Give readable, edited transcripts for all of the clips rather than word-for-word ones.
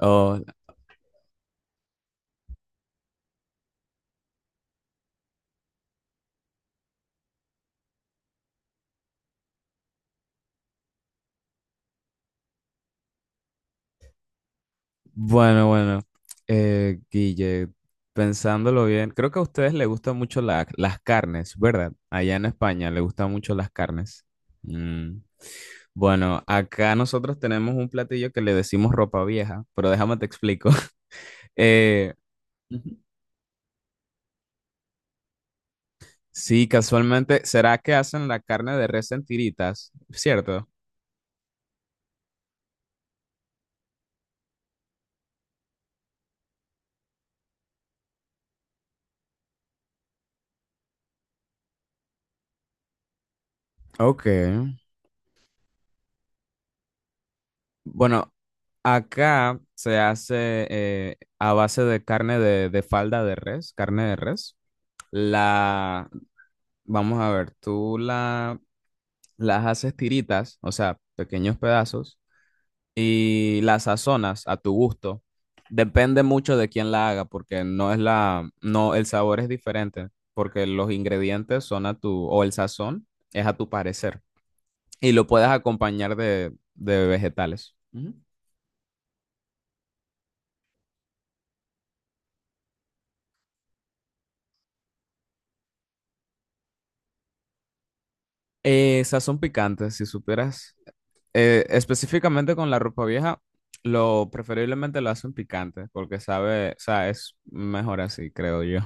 Oh, bueno, bueno. Guille, pensándolo bien, creo que a ustedes les gustan mucho las carnes, ¿verdad? Allá en España les gustan mucho las carnes. Mm. Bueno, acá nosotros tenemos un platillo que le decimos ropa vieja, pero déjame te explico. Eh, Ujú. Sí, casualmente, ¿será que hacen la carne de res en tiritas? ¿Cierto? Ok. Bueno, acá se hace a base de de falda de res, carne de res. La, vamos a ver, las haces tiritas, o sea, pequeños pedazos, y las sazonas a tu gusto. Depende mucho de quién la haga, porque no, el sabor es diferente, porque los ingredientes son a tu, o el sazón es a tu parecer, y lo puedes acompañar de vegetales. Ujú. Sazón picante, si supieras. Específicamente con la ropa vieja, lo preferiblemente lo hacen picante, porque sabe, o sea, es mejor así, creo yo.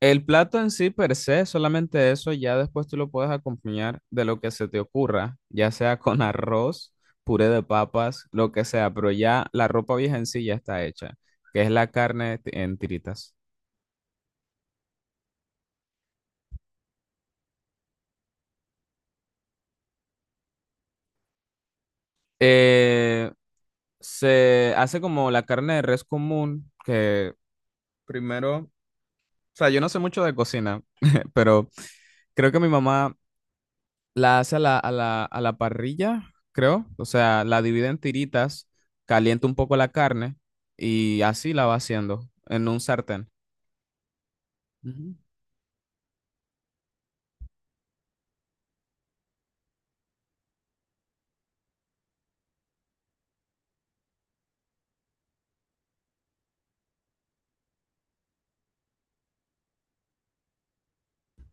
El plato en sí, per se, solamente eso, ya después tú lo puedes acompañar de lo que se te ocurra, ya sea con arroz, puré de papas, lo que sea, pero ya la ropa vieja en sí ya está hecha, que es la en tiritas. Eh, Se hace como la carne de res común, que primero, o sea, yo no sé mucho de cocina, pero... Creo que mi mamá la hace a a la parrilla, creo. O sea, la divide en tiritas, calienta un poco la carne y así la va haciendo en un sartén. Ujú.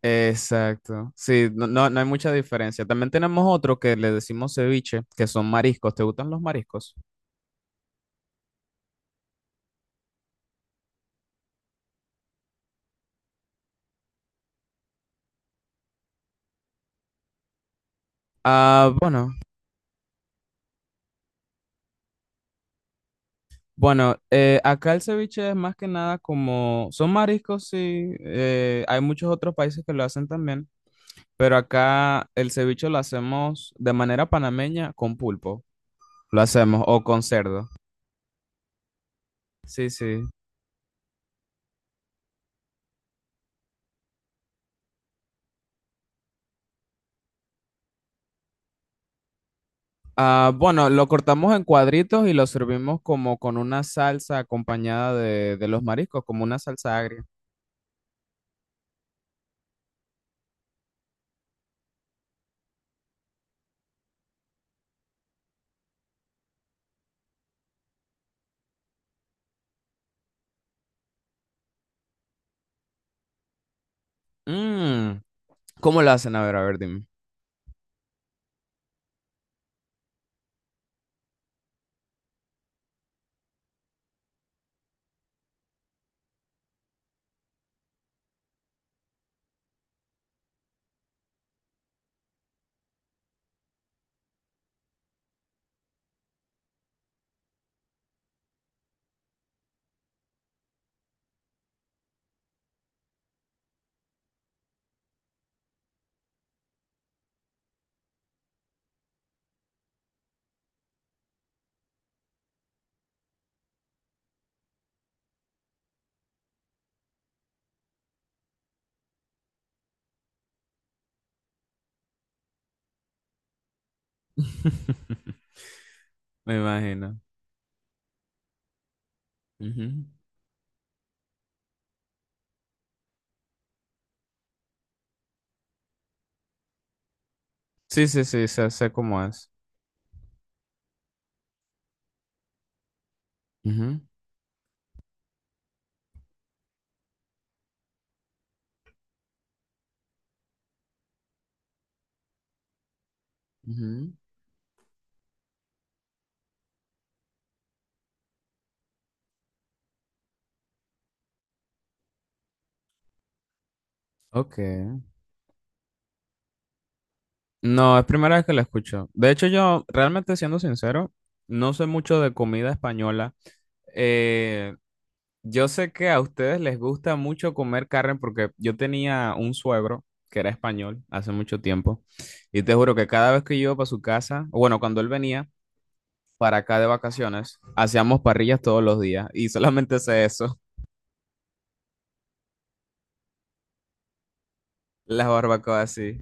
Exacto. Sí, no, no, no hay mucha diferencia. También tenemos otro que le decimos ceviche, que son mariscos. ¿Te gustan los mariscos? Ah, bueno, bueno, acá el ceviche es más que nada como, son mariscos, sí, hay muchos otros países que lo hacen también. Pero acá el ceviche lo hacemos de manera panameña con pulpo. Lo hacemos, o con cerdo. Sí, sí. Ah, bueno, lo cortamos en cuadritos y lo servimos como con una salsa acompañada de los mariscos, como una salsa agria. Mm, ¿cómo lo hacen? A ver, dime. Me imagino. Ujú. Sí, sí, sí, sé, sé cómo es. Ujú, ujú. Ok. No, es primera vez que la escucho. De hecho, yo, realmente siendo sincero, no sé mucho de comida española. Eh, yo sé que a ustedes les gusta mucho comer carne porque yo tenía un suegro que era español hace mucho tiempo y te juro que cada vez que yo iba para su casa, o bueno, cuando él venía para acá de vacaciones, hacíamos parrillas todos los días y solamente sé eso, las barbacoas así.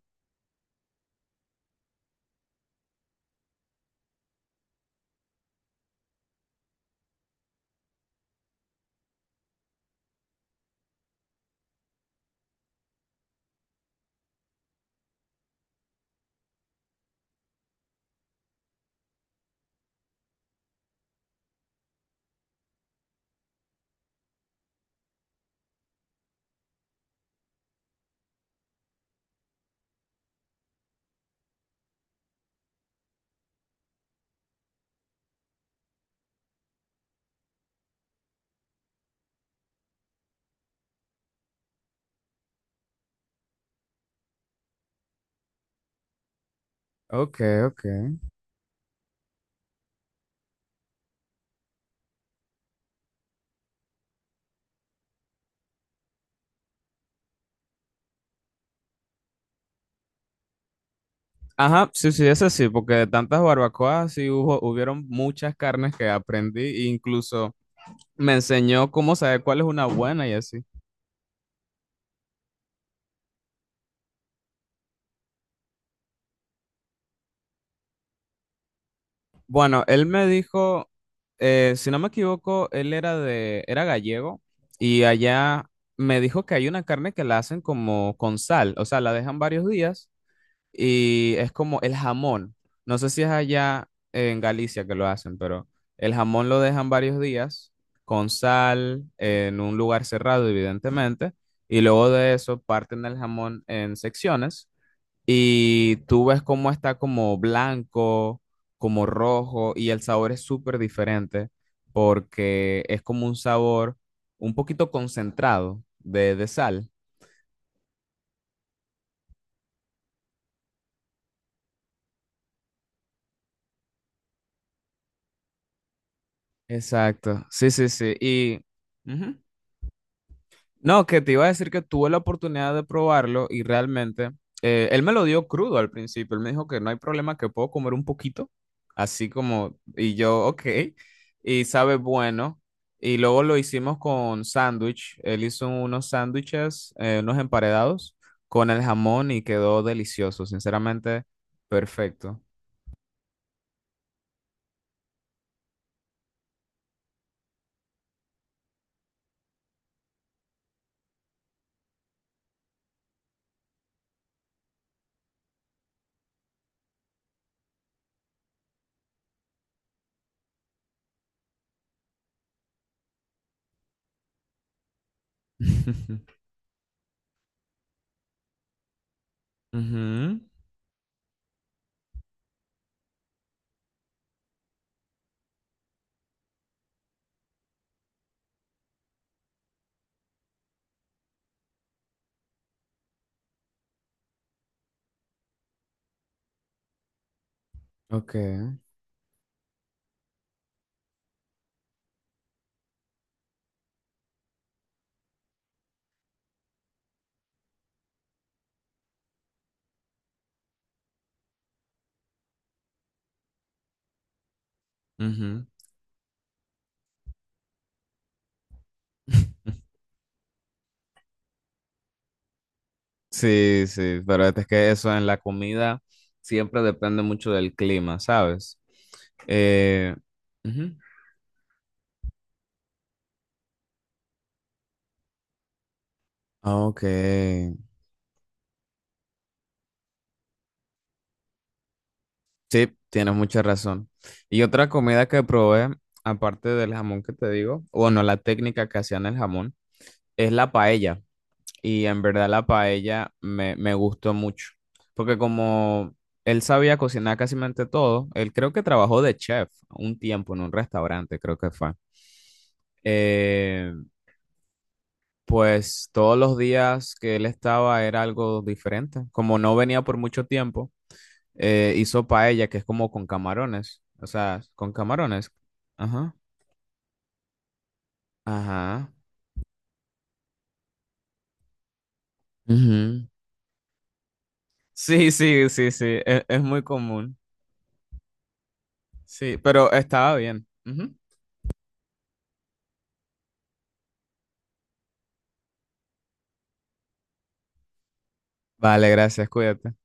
Ok, ok. Ajá, sí, sí, eso sí, porque de tantas barbacoas sí hubo, hubieron muchas carnes que aprendí e incluso me enseñó cómo saber cuál es una buena y así. Bueno, él me dijo, si no me equivoco, él era de, era gallego y allá me dijo que hay una carne que la hacen como con sal, o sea, la dejan varios días y es como el jamón. No sé si es allá en Galicia que lo hacen, pero el jamón lo dejan varios días con sal en un lugar cerrado, evidentemente, y luego de eso parten el jamón en secciones y tú ves cómo está como blanco, como rojo, y el sabor es súper diferente porque es como un sabor un poquito concentrado de sal. Exacto, sí, sí, sí. Y ujú. No, que te iba a decir que tuve la oportunidad de probarlo y realmente él me lo dio crudo al principio. Él me dijo que no hay problema, que puedo comer un poquito, así como, y yo, ok, y sabe bueno. Y luego lo hicimos con sándwich. Él hizo unos sándwiches, unos emparedados con el jamón y quedó delicioso, sinceramente, perfecto. Ujú, Ok. ujú. Sí, sí, pero es que eso en la comida siempre depende mucho del clima, ¿sabes? Eh, ujú. Ah, ok, sí, tienes mucha razón. Y otra comida que probé, aparte del jamón que te digo, bueno, la técnica que hacían el jamón, es la paella. Y en verdad la paella me gustó mucho, porque como él sabía cocinar casi mente todo, él creo que trabajó de chef un tiempo en un restaurante, creo que fue. Eh, Pues todos los días que él estaba era algo diferente. Como no venía por mucho tiempo, hizo paella, que es como con camarones. O sea, con camarones. Ajá. Ajá. Ujú. Sí, sí, sí, sí. Es muy común. Sí, pero estaba bien. Ujú. Vale, gracias. Cuídate.